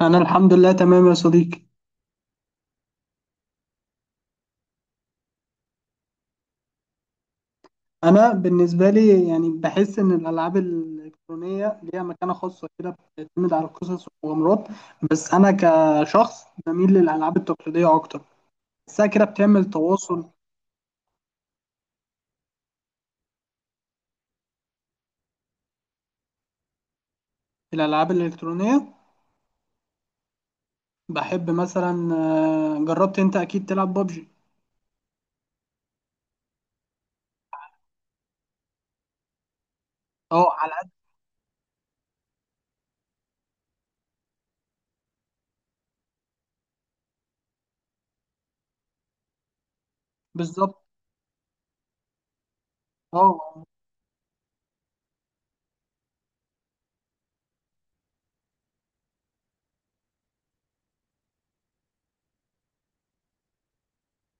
أنا الحمد لله تمام يا صديقي. أنا بالنسبة لي يعني بحس إن الألعاب الإلكترونية ليها مكانة خاصة كده، بتعتمد على القصص والمغامرات. بس أنا كشخص بميل للألعاب التقليدية أكتر. بحسها كده بتعمل تواصل. الألعاب الإلكترونية بحب مثلا جربت أنت أكيد تلعب بابجي. أه على قد. بالظبط. أه،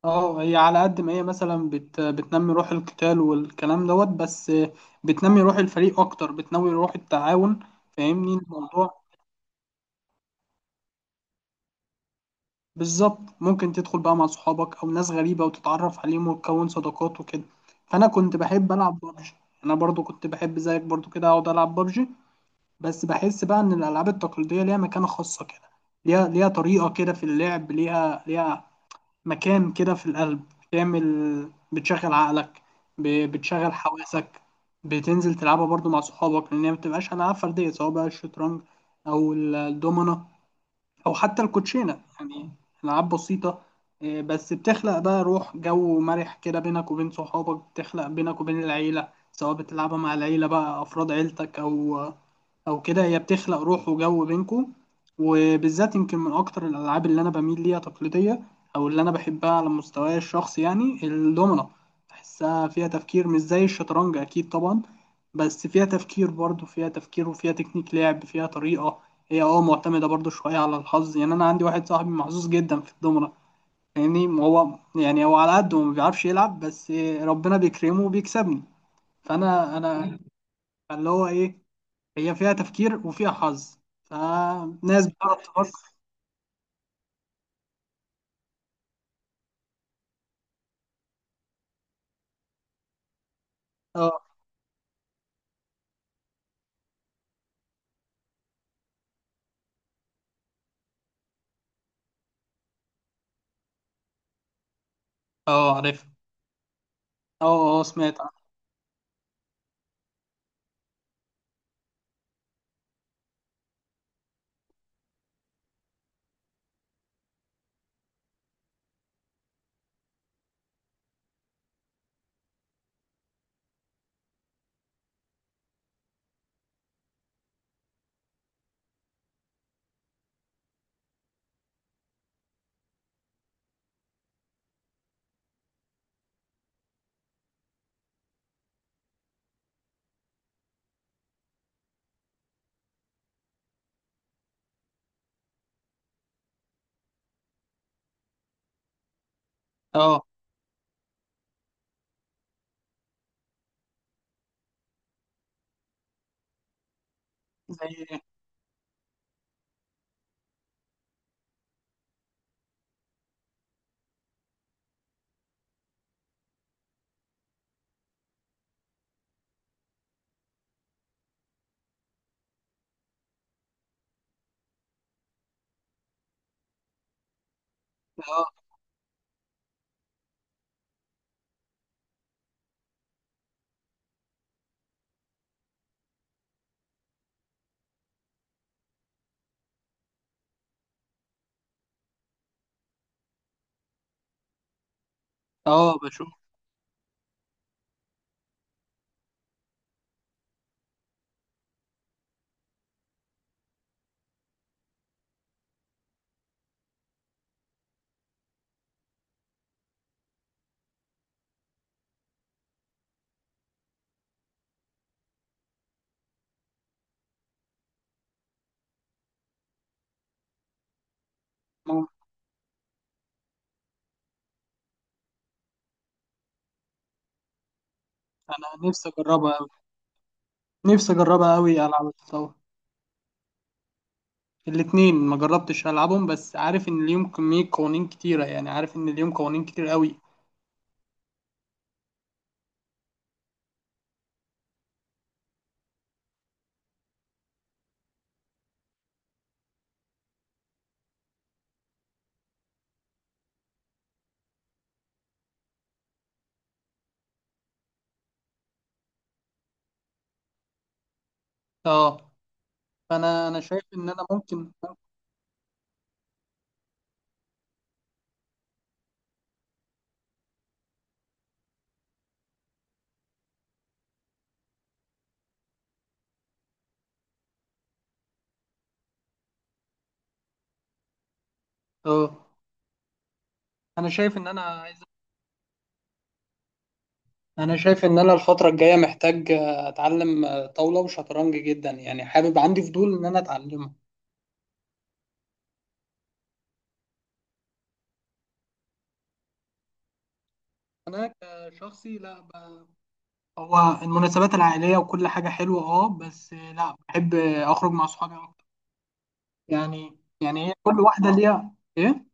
أه، هي على قد ما هي مثلا بتنمي روح القتال والكلام دوت بس، بتنمي روح الفريق أكتر، بتنمي روح التعاون. فاهمني الموضوع. بالظبط، ممكن تدخل بقى مع صحابك او ناس غريبه وتتعرف عليهم وتكون صداقات وكده. فانا كنت بحب العب بابجي. انا برضو كنت بحب زيك برضو كده اقعد العب بابجي. بس بحس بقى ان الالعاب التقليديه ليها مكانه خاصه كده. ليها طريقه كده في اللعب. ليها مكان كده في القلب. بتشغل عقلك. بتشغل حواسك. بتنزل تلعبها برضو مع صحابك، لان هي ما بتبقاش العاب فرديه، سواء بقى الشطرنج او الدومنه او حتى الكوتشينه يعني. العاب بسيطه، بس بتخلق بقى روح، جو مرح كده بينك وبين صحابك، بتخلق بينك وبين العيله، سواء بتلعبها مع العيله بقى، افراد عيلتك او كده. هي بتخلق روح وجو بينكو. وبالذات، يمكن من اكتر الالعاب اللي انا بميل ليها تقليديه، او اللي انا بحبها على مستواي الشخصي، يعني الدومنة. بحسها فيها تفكير، مش زي الشطرنج اكيد طبعا، بس فيها تفكير، برضه فيها تفكير وفيها تكنيك لعب، فيها طريقه. هي معتمده برضه شويه على الحظ. يعني انا عندي واحد صاحبي محظوظ جدا في الدومنة. يعني هو على قده ما بيعرفش يلعب، بس ربنا بيكرمه وبيكسبني. فانا اللي هو ايه، هي فيها تفكير وفيها حظ، فناس بتعرف تفكر. اه. اه، عارف. اه، اه، سمعت عنها. اه. زي. اه. اه، بشوف. مم. انا نفسي اجربها قوي. نفسي اجربها قوي العب الطاولة. الاتنين ما جربتش العبهم، بس عارف ان ليهم كمية قوانين كتيرة، يعني عارف ان ليهم قوانين كتير قوي. اه. فانا شايف ان انا ممكن. اه. انا شايف ان انا عايز. انا شايف ان انا الفترة الجاية محتاج اتعلم طاولة وشطرنج جدا، يعني حابب، عندي فضول ان انا اتعلمه. انا كشخصي لا هو المناسبات العائليه وكل حاجه حلوه بس لا، بحب اخرج مع صحابي اكتر. يعني هي كل واحده ليها ايه.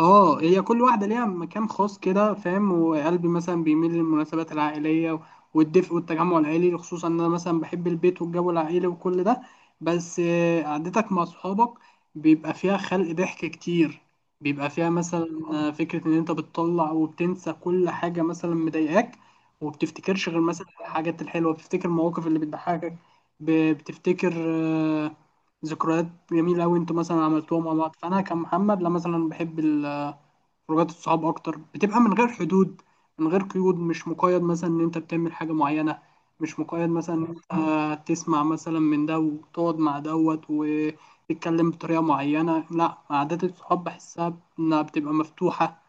اه، هي كل واحدة ليها مكان خاص كده فاهم. وقلبي مثلا بيميل للمناسبات العائلية والدفء والتجمع العائلي، خصوصا ان انا مثلا بحب البيت والجو العائلي وكل ده. بس قعدتك مع صحابك بيبقى فيها خلق ضحك كتير. بيبقى فيها مثلا فكرة ان انت بتطلع وبتنسى كل حاجة مثلا مضايقاك، وبتفتكرش غير مثلا الحاجات الحلوة، بتفتكر المواقف اللي بتضحكك. بتفتكر ذكريات جميلة أوي أنتوا مثلا عملتوها مع بعض. فأنا كمحمد لا، مثلا بحب خروجات الصحاب اكتر، بتبقى من غير حدود، من غير قيود، مش مقيد مثلا ان انت بتعمل حاجه معينه، مش مقيد مثلا ان انت تسمع مثلا من ده وتقعد مع دوت وتتكلم بطريقه معينه. لا، عادات الصحاب بحسها انها بتبقى مفتوحه،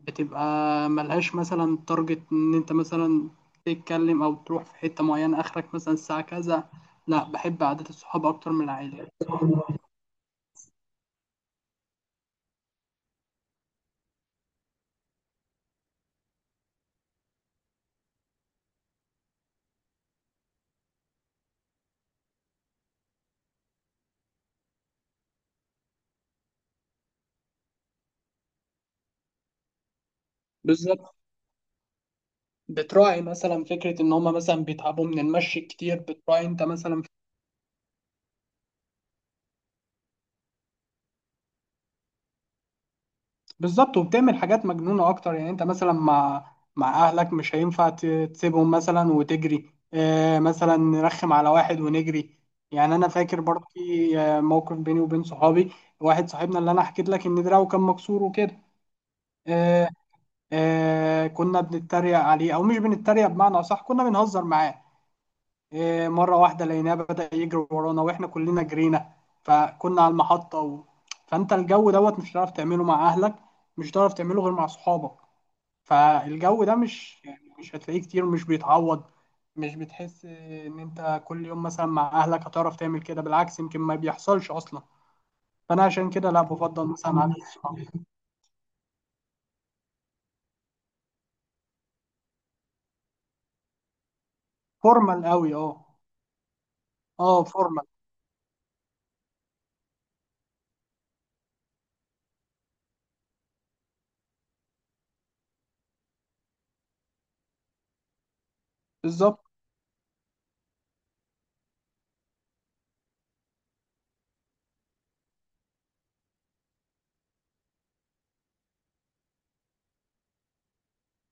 بتبقى ملهاش مثلا تارجت ان انت مثلا تتكلم او تروح في حته معينه اخرك مثلا الساعه كذا. لا، بحب عادات الصحاب اكتر من العائله. بالظبط، بتراعي مثلا فكرة إن هما مثلا بيتعبوا من المشي كتير، بتراعي أنت مثلا. بالظبط، وبتعمل حاجات مجنونة أكتر. يعني أنت مثلا مع أهلك مش هينفع تسيبهم مثلا وتجري، مثلا نرخم على واحد ونجري. يعني أنا فاكر برضه في موقف بيني وبين صحابي. واحد صاحبنا اللي أنا حكيت لك إن دراعه كان مكسور وكده. آه كنا بنتريق عليه، أو مش بنتريق، بمعنى أصح كنا بنهزر معاه. مرة واحدة لقيناه بدأ يجري ورانا، واحنا كلنا جرينا. فكنا على المحطة و... فانت الجو دوت مش هتعرف تعمله مع اهلك، مش هتعرف تعمله غير مع صحابك. فالجو ده مش، يعني مش هتلاقيه كتير، ومش بيتعوض. مش بتحس ان انت كل يوم مثلا مع اهلك هتعرف تعمل كده، بالعكس يمكن ما بيحصلش اصلا. فانا عشان كده لا، بفضل مثلا عدد الصحاب. فورمال قوي، اه، فورمال. بالظبط.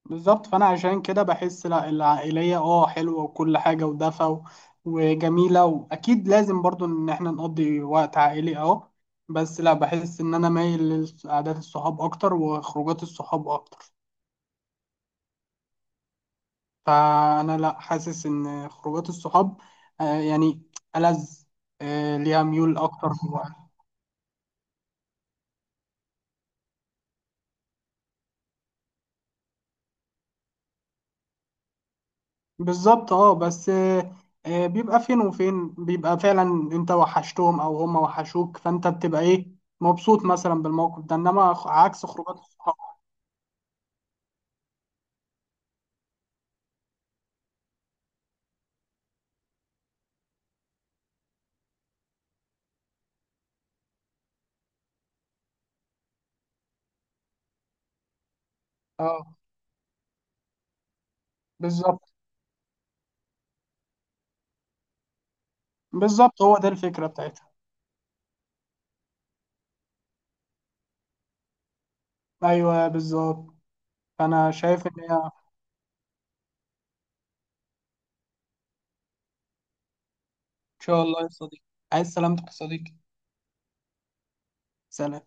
بالظبط، فانا عشان كده بحس، لا، العائليه اه حلوه وكل حاجه ودفى وجميله. واكيد لازم برضو ان احنا نقضي وقت عائلي بس لا، بحس ان انا مايل لقعدات الصحاب اكتر وخروجات الصحاب اكتر. فانا لا، حاسس ان خروجات الصحاب يعني ألذ، ليها ميول اكتر. بالظبط اه بس، بيبقى فين وفين، بيبقى فعلا انت وحشتهم او هم وحشوك، فانت بتبقى ايه، مبسوط مثلا بالموقف ده، انما عكس خروجات الصحاب. اه، بالظبط. بالظبط، هو ده الفكرة بتاعتها. ايوه بالظبط. فانا شايف ان هي ان شاء الله يا صديقي. عايز سلامتك يا صديقي. سلام.